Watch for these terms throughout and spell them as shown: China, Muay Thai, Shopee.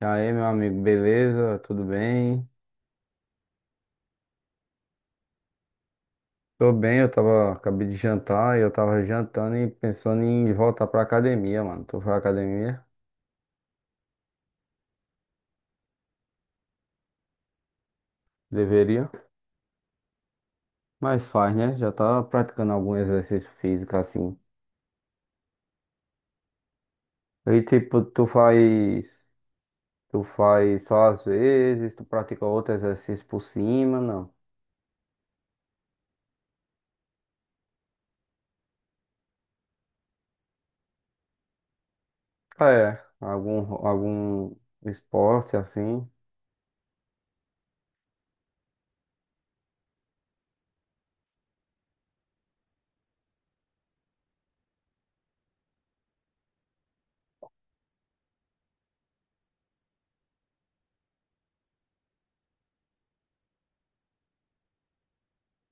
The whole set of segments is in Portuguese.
E aí, meu amigo, beleza? Tudo bem? Tô bem, acabei de jantar e eu tava jantando e pensando em voltar pra academia, mano. Tu foi à academia? Deveria, mas faz, né? Já tá praticando algum exercício físico assim. E tipo, tu faz só às vezes, tu pratica outro exercício por cima, não? Ah, é, algum esporte assim.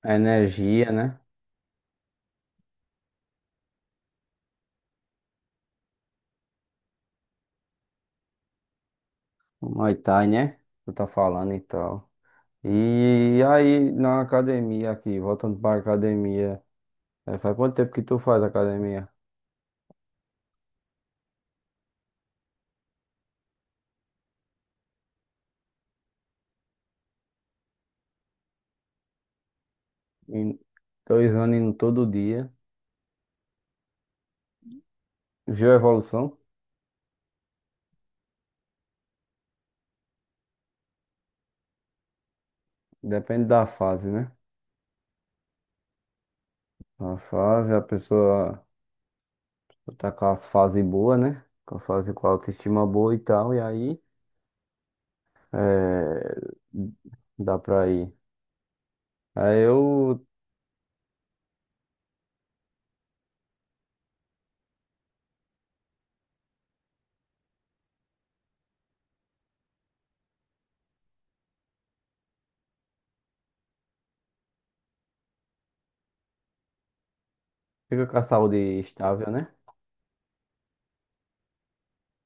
A energia, né? O Muay Thai, né? Tu tá falando e tal. E aí, na academia aqui, voltando para academia, faz quanto tempo que tu faz academia? Em dois anos indo todo dia. Viu a evolução? Depende da fase, né? Na fase, a pessoa tá com a fase boa, né? Com a fase com a autoestima boa e tal, e aí eh, dá pra ir. Aí eu fico com a saúde estável, né?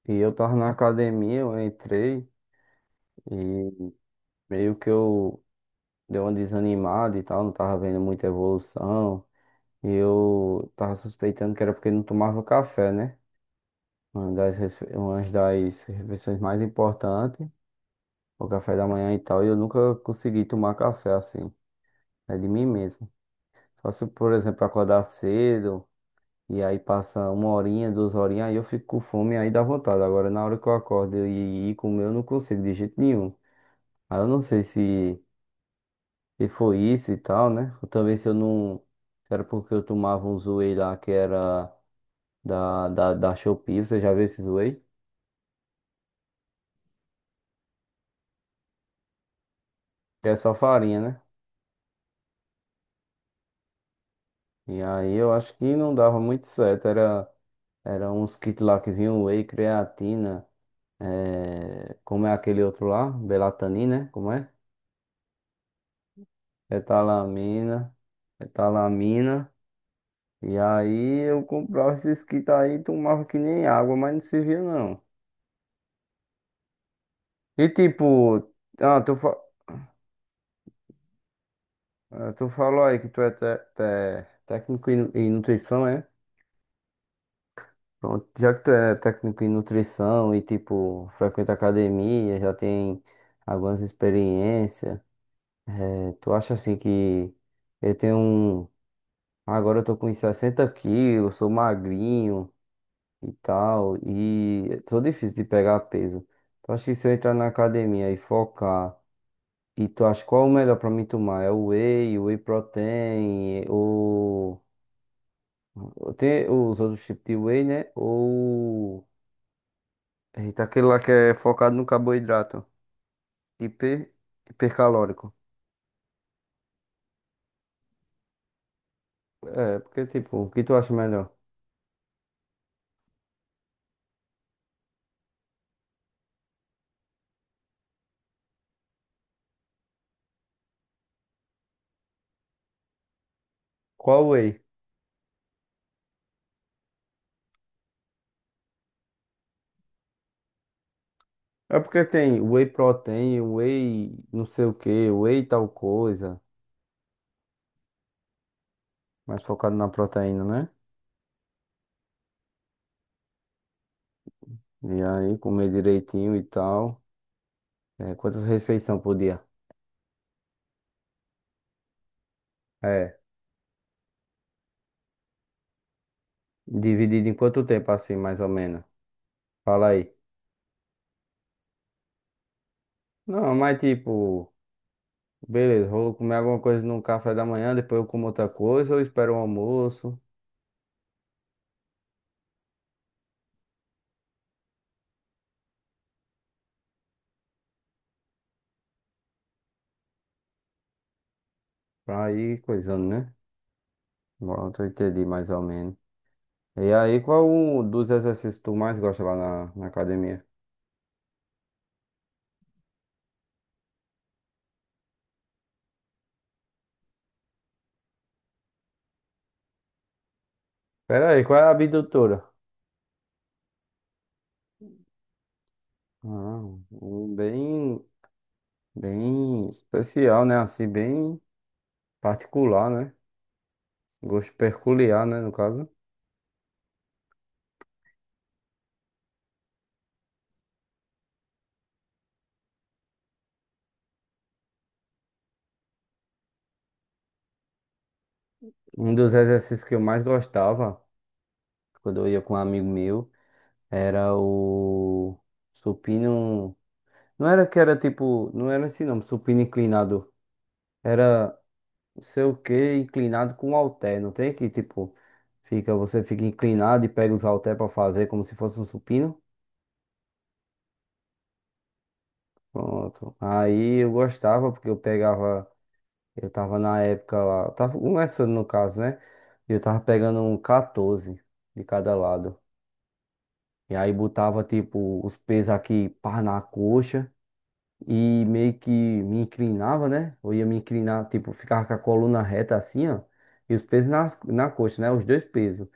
E eu tava na academia, eu entrei e meio que eu. Deu uma desanimada e tal, não tava vendo muita evolução. E eu tava suspeitando que era porque não tomava café, né? Uma das refeições mais importantes, o café da manhã e tal, e eu nunca consegui tomar café assim, é de mim mesmo. Só se, por exemplo, acordar cedo e aí passa uma horinha, duas horinhas, aí eu fico com fome, aí dá vontade. Agora, na hora que eu acordo e ir comer, eu não consigo de jeito nenhum. Aí eu não sei se. E foi isso e tal, né? Ou também se eu não. se Era porque eu tomava um whey lá que era da Shopee. Você já viu esses whey? Que é só farinha, né? E aí eu acho que não dava muito certo. Era uns kits lá que vinham whey, creatina, como é aquele outro lá? Belatanina, né? Como é? Betalamina, betalamina. E aí eu comprava esses kits aí e tomava que nem água, mas não servia não. E tipo, ah, tu, ah, tu falou aí que tu é técnico em nutrição, é? Pronto, já que tu é técnico em nutrição e, tipo, frequenta academia, já tem algumas experiências, tu acha assim que eu tenho um. Agora eu tô com uns 60 quilos, sou magrinho e tal, e sou difícil de pegar peso. Tu acha que se eu entrar na academia e focar, e tu acha qual é o melhor pra mim tomar? É o whey protein, ou. Tem os outros tipos de whey, né? Ou. Eita, aquele lá que é focado no carboidrato. Hiper... Hipercalórico. É, porque tipo, o que tu acha melhor? Qual whey? É porque tem whey protein, whey não sei o que, whey tal coisa. Mais focado na proteína, né? E aí, comer direitinho e tal. É, quantas refeições por dia? É. Dividido em quanto tempo, assim, mais ou menos? Fala aí. Não, mas tipo. Beleza, vou comer alguma coisa no café da manhã, depois eu como outra coisa, ou espero o almoço, pra ir coisando, né? Pronto, eu entendi mais ou menos. E aí, qual um dos exercícios tu mais gosta lá na academia? Pera aí, qual é a abdutora? Ah, um bem, bem especial, né? Assim, bem particular, né? Gosto peculiar, né, no caso. Um dos exercícios que eu mais gostava, quando eu ia com um amigo meu, era o supino. Não era que era tipo, não era assim não, supino inclinado. Era não sei o que, inclinado com halter, não tem? Que tipo, você fica inclinado e pega os halter pra fazer como se fosse um supino. Pronto. Aí eu gostava, porque eu tava na época lá, tava começando no caso, né? E eu tava pegando um 14 de cada lado. E aí botava tipo os pesos aqui, pá, na coxa. E meio que me inclinava, né? Eu ia me inclinar, tipo, ficava com a coluna reta assim, ó, e os pesos na coxa, né? Os dois pesos.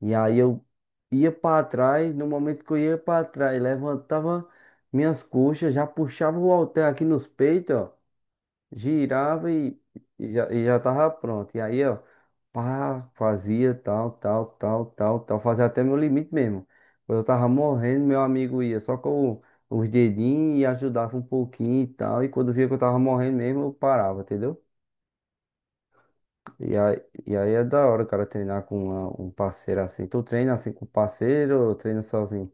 E aí eu ia para trás, no momento que eu ia para trás, levantava minhas coxas, já puxava o halter aqui nos peitos, ó, girava, e já tava pronto. E aí, ó, pá, fazia tal, tal, tal, tal, tal, fazia até meu limite mesmo. Quando eu tava morrendo, meu amigo ia só com os dedinhos e ajudava um pouquinho e tal. E quando via que eu tava morrendo mesmo, eu parava, entendeu? E aí, e aí é da hora, o cara, treinar com um parceiro assim. Tu treina assim com parceiro ou treina sozinho?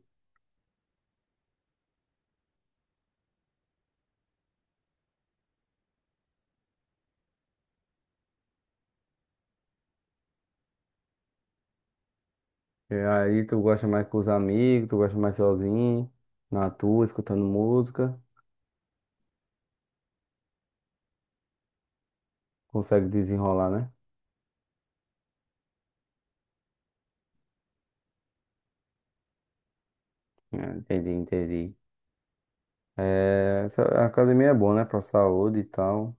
E aí, tu gosta mais com os amigos, tu gosta mais sozinho, na tua, escutando música, consegue desenrolar, né? Ah, entendi, entendi. É, a academia é boa, né? Pra saúde e tal.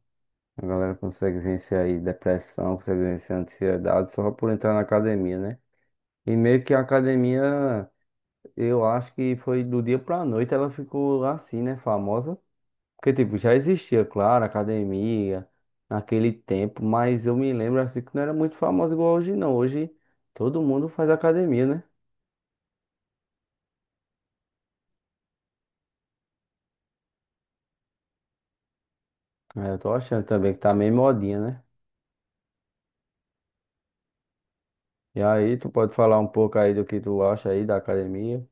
A galera consegue vencer aí depressão, consegue vencer ansiedade só por entrar na academia, né? E meio que a academia, eu acho que foi do dia pra noite ela ficou assim, né? Famosa. Porque, tipo, já existia, claro, academia naquele tempo, mas eu me lembro assim que não era muito famosa igual hoje, não. Hoje todo mundo faz academia, né? É, eu tô achando também que tá meio modinha, né? E aí, tu pode falar um pouco aí do que tu acha aí da academia?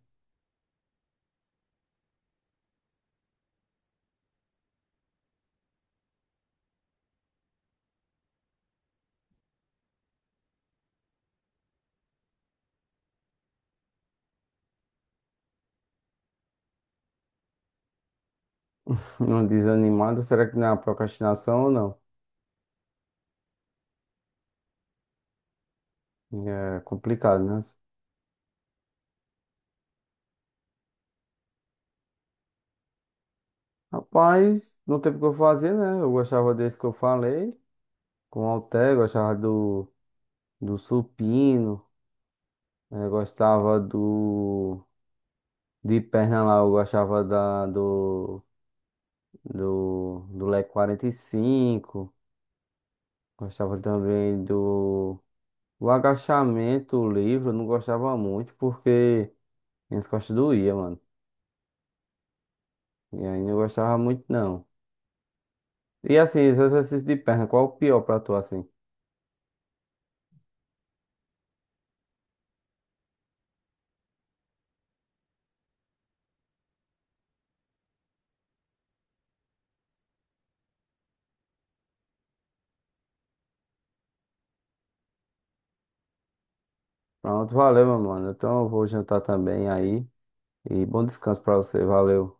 Não desanimado, será que não é uma procrastinação ou não? É complicado, né? Rapaz, não teve o que eu fazer, né? Eu gostava desse que eu falei, com o halter, gostava do supino, gostava do. De perna lá, eu gostava do leg 45, gostava também do. O agachamento livre, eu não gostava muito, porque. Minhas costas doía, mano. E aí não gostava muito, não. E assim, esse exercício de perna, qual o pior pra tu, assim? Pronto, valeu, meu mano. Então eu vou jantar também aí. E bom descanso pra você, valeu.